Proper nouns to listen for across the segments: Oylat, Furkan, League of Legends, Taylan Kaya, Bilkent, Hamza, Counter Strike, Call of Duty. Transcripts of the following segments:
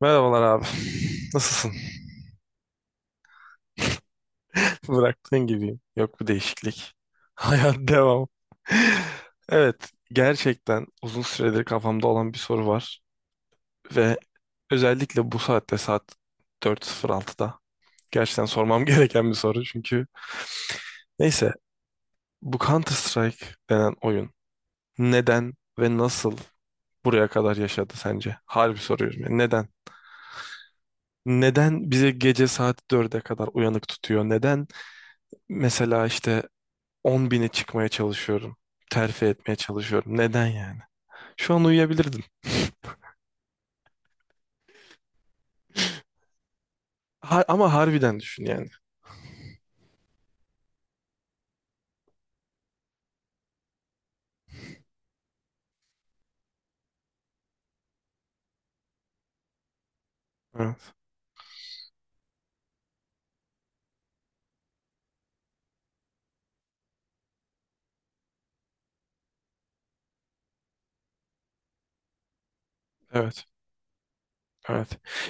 Merhabalar abi. Nasılsın? Bıraktığın gibi. Yok bir değişiklik. Hayat devam. Evet, gerçekten uzun süredir kafamda olan bir soru var ve özellikle bu saatte, saat 4:06'da gerçekten sormam gereken bir soru, çünkü neyse, bu Counter Strike denen oyun neden ve nasıl buraya kadar yaşadı sence? Harbi soruyorum ya. Neden? Neden bizi gece saat 4'e kadar uyanık tutuyor? Neden? Mesela işte, 10 bine çıkmaya çalışıyorum. Terfi etmeye çalışıyorum. Neden yani? Şu an uyuyabilirdim. Ama harbiden düşün yani. Evet. Evet. Evet.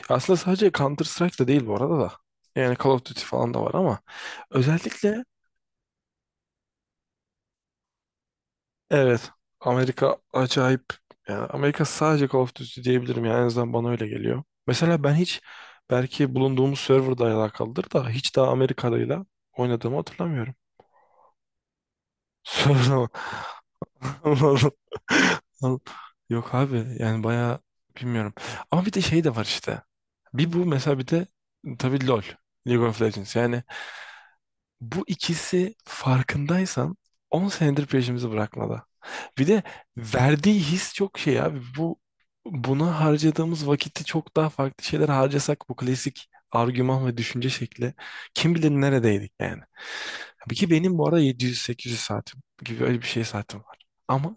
Aslında sadece Counter Strike'da değil bu arada da. Yani Call of Duty falan da var ama özellikle. Evet. Amerika acayip. Yani Amerika sadece Call of Duty diyebilirim. Yani en azından bana öyle geliyor. Mesela ben hiç, belki bulunduğumuz serverda alakalıdır da, hiç daha Amerikalı'yla oynadığımı hatırlamıyorum. Serverda mı? Yok abi, yani bayağı bilmiyorum. Ama bir de şey de var işte. Bir bu mesela, bir de tabii LoL. League of Legends. Yani bu ikisi, farkındaysan, 10 senedir peşimizi bırakmadı. Bir de verdiği his çok şey abi. Buna harcadığımız vakiti çok daha farklı şeyler harcasak, bu klasik argüman ve düşünce şekli, kim bilir neredeydik yani. Tabii ki benim bu ara 700-800 saatim gibi öyle bir şey saatim var. Ama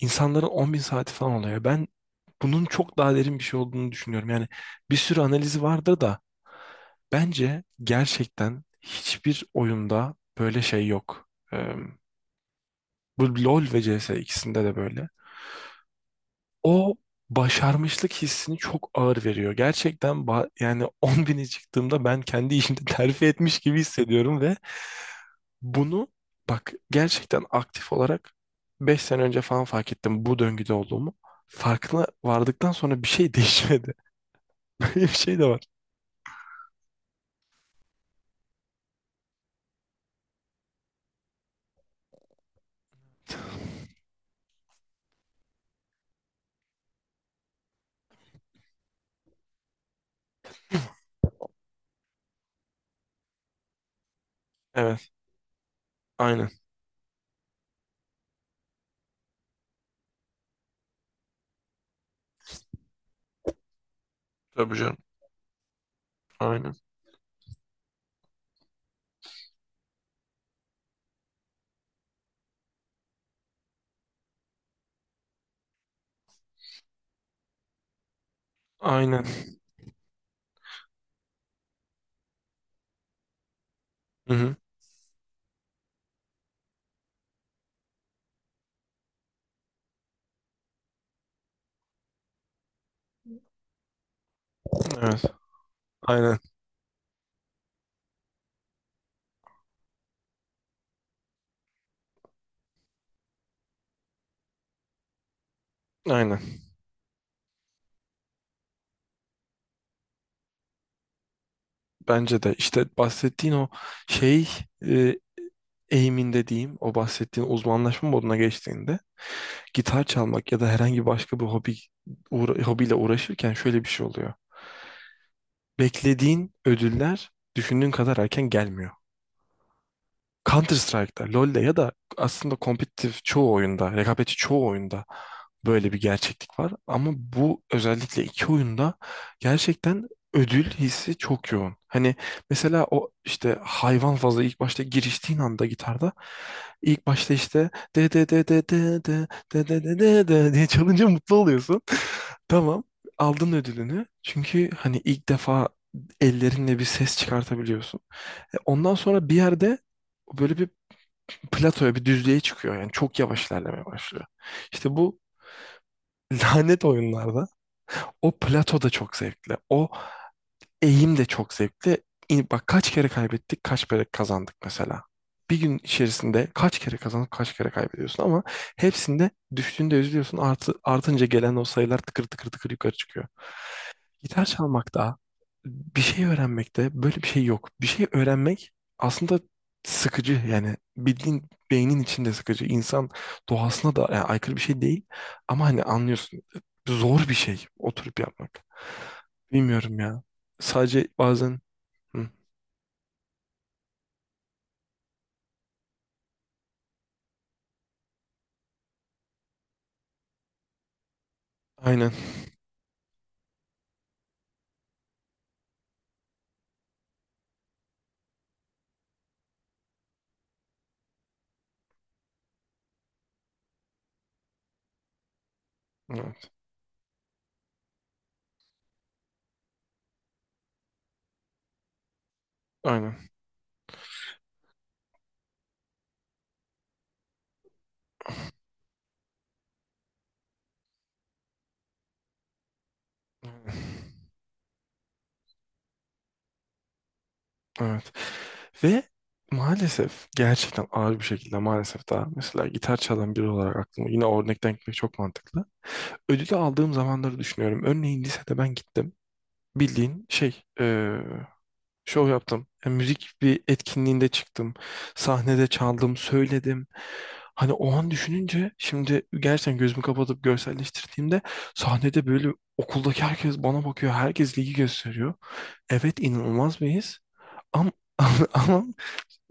insanların 10.000 saati falan oluyor. Ben bunun çok daha derin bir şey olduğunu düşünüyorum. Yani bir sürü analizi vardır da, bence gerçekten hiçbir oyunda böyle şey yok. Bu LoL ve CS ikisinde de böyle. O başarmışlık hissini çok ağır veriyor. Gerçekten yani 10 bini çıktığımda ben kendi işimde terfi etmiş gibi hissediyorum ve bunu, bak, gerçekten aktif olarak 5 sene önce falan fark ettim, bu döngüde olduğumu. Farkına vardıktan sonra bir şey değişmedi. Böyle bir şey de var. Evet, aynen. Tabii canım. Aynen. Aynen. Hı hı. Evet. Aynen. Aynen. Bence de işte, bahsettiğin o şey, e, eğiminde diyeyim, o bahsettiğin uzmanlaşma moduna geçtiğinde, gitar çalmak ya da herhangi başka bir hobi, hobiyle uğraşırken şöyle bir şey oluyor. Beklediğin ödüller düşündüğün kadar erken gelmiyor. Counter Strike'da, LoL'de ya da aslında kompetitif çoğu oyunda, rekabetçi çoğu oyunda böyle bir gerçeklik var. Ama bu özellikle iki oyunda gerçekten ödül hissi çok yoğun. Hani mesela o işte, hayvan fazla ilk başta giriştiğin anda, gitarda ilk başta işte de de de de de de de de de de de diye çalınca mutlu oluyorsun. Tamam. Aldın ödülünü. Çünkü hani ilk defa ellerinle bir ses çıkartabiliyorsun. Ondan sonra bir yerde böyle bir platoya, bir düzlüğe çıkıyor. Yani çok yavaş ilerlemeye başlıyor. İşte bu lanet oyunlarda o plato da çok zevkli. O eğim de çok zevkli. Bak, kaç kere kaybettik, kaç kere kazandık mesela. Bir gün içerisinde kaç kere kazanıp kaç kere kaybediyorsun, ama hepsinde düştüğünde üzülüyorsun. Artı, artınca gelen o sayılar tıkır tıkır tıkır yukarı çıkıyor. Gitar çalmakta, bir şey öğrenmekte böyle bir şey yok. Bir şey öğrenmek aslında sıkıcı, yani bildiğin beynin içinde sıkıcı. İnsan doğasına da yani aykırı bir şey değil ama, hani, anlıyorsun, zor bir şey oturup yapmak. Bilmiyorum ya. Sadece bazen Hı, aynen. Evet, aynen. Aynen. Evet. Ve maalesef gerçekten ağır bir şekilde, maalesef, daha mesela gitar çalan biri olarak aklıma yine örnekten gitmek çok mantıklı. Ödülü aldığım zamanları düşünüyorum. Örneğin lisede ben gittim. Bildiğin şey, şov yaptım. Yani müzik bir etkinliğinde çıktım. Sahnede çaldım, söyledim. Hani o an düşününce, şimdi gerçekten gözümü kapatıp görselleştirdiğimde, sahnede böyle, okuldaki herkes bana bakıyor. Herkes ligi gösteriyor. Evet, inanılmaz bir his. Ama, ama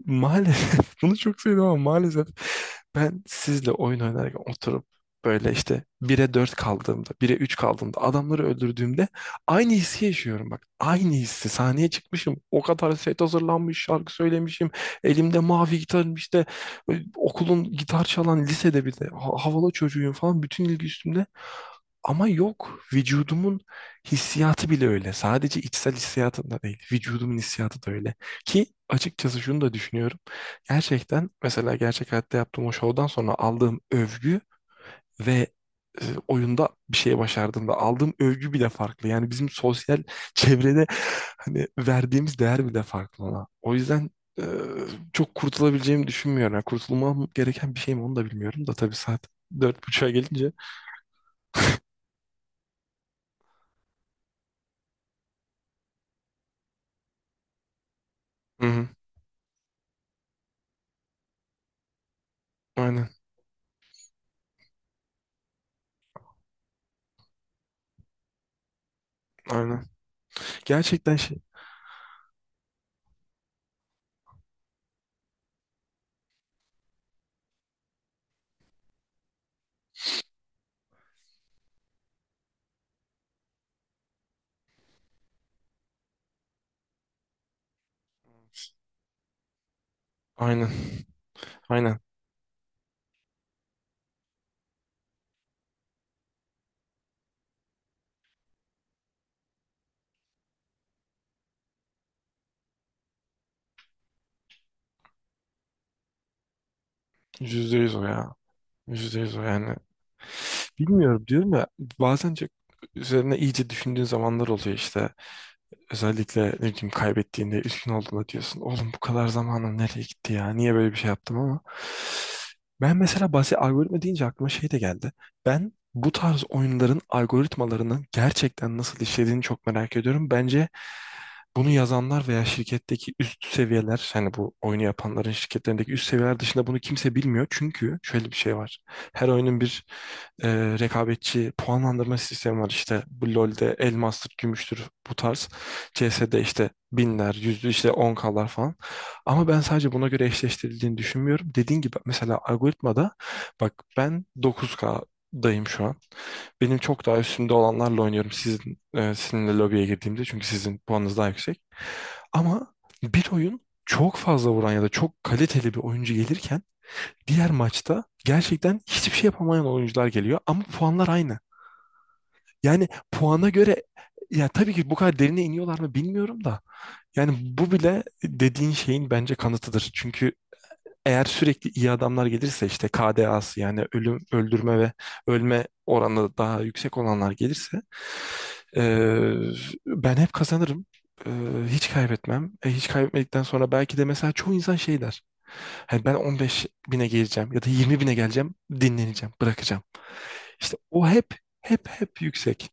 maalesef bunu çok sevdim, ama maalesef ben sizle oyun oynarken oturup böyle işte 1'e 4 kaldığımda, 1'e 3 kaldığımda, adamları öldürdüğümde aynı hissi yaşıyorum, bak. Aynı hissi. Sahneye çıkmışım. O kadar set hazırlanmış, şarkı söylemişim. Elimde mavi gitarım işte, okulun gitar çalan, lisede bir de havalı çocuğuyum falan, bütün ilgi üstümde. Ama yok. Vücudumun hissiyatı bile öyle. Sadece içsel hissiyatım da değil. Vücudumun hissiyatı da öyle. Ki açıkçası şunu da düşünüyorum. Gerçekten mesela gerçek hayatta yaptığım o şovdan sonra aldığım övgü ve oyunda bir şey başardığımda aldığım övgü bile farklı. Yani bizim sosyal çevrede hani verdiğimiz değer bile farklı ona. O yüzden e, çok kurtulabileceğimi düşünmüyorum. Yani kurtulmam gereken bir şey mi onu da bilmiyorum da, tabii saat dört buçuğa gelince. Hı hı. Aynen, aynen. Gerçekten şey. Aynen, aynen. Yüzde yüz o ya. Yüzde yüz o yani. Bilmiyorum, diyorum ya, bazen çok üzerine iyice düşündüğün zamanlar oluyor işte. Özellikle ne bileyim, kaybettiğinde, üzgün olduğunda diyorsun, oğlum bu kadar zamanım nereye gitti ya? Niye böyle bir şey yaptım ama. Ben mesela bahsi algoritma deyince aklıma şey de geldi. Ben bu tarz oyunların algoritmalarının gerçekten nasıl işlediğini çok merak ediyorum. Bence bunu yazanlar veya şirketteki üst seviyeler, hani bu oyunu yapanların şirketlerindeki üst seviyeler dışında bunu kimse bilmiyor. Çünkü şöyle bir şey var. Her oyunun bir e, rekabetçi puanlandırma sistemi var. İşte bu LoL'de elmastır, gümüştür bu tarz. CS'de işte binler, yüzlü işte on klar falan. Ama ben sadece buna göre eşleştirildiğini düşünmüyorum. Dediğin gibi mesela algoritmada, bak, ben dokuz kdayım şu an. Benim çok daha üstünde olanlarla oynuyorum, sizin sizinle lobiye girdiğimde, çünkü sizin puanınız daha yüksek. Ama bir oyun çok fazla vuran ya da çok kaliteli bir oyuncu gelirken, diğer maçta gerçekten hiçbir şey yapamayan oyuncular geliyor, ama puanlar aynı. Yani puana göre, ya tabii ki bu kadar derine iniyorlar mı bilmiyorum da, yani bu bile dediğin şeyin bence kanıtıdır. Çünkü eğer sürekli iyi adamlar gelirse, işte KDA'sı yani ölüm, öldürme ve ölme oranı daha yüksek olanlar gelirse, e, ben hep kazanırım. E, hiç kaybetmem. Hiç kaybetmedikten sonra belki de mesela çoğu insan şey der. Hani ben 15 bine geleceğim ya da 20 bine geleceğim, dinleneceğim, bırakacağım. İşte o hep hep hep yüksek.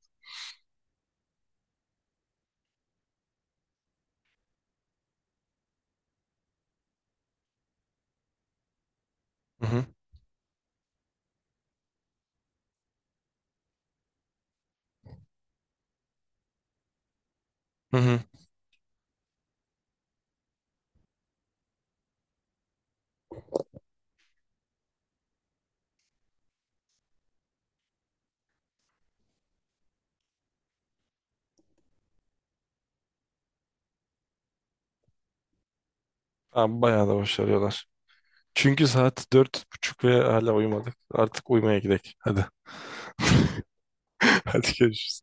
Hı hı. Hı hı. Abi bayağı da başarıyorlar. Çünkü saat dört buçuk ve hala uyumadık. Artık uyumaya gidelim. Hadi. Hadi görüşürüz.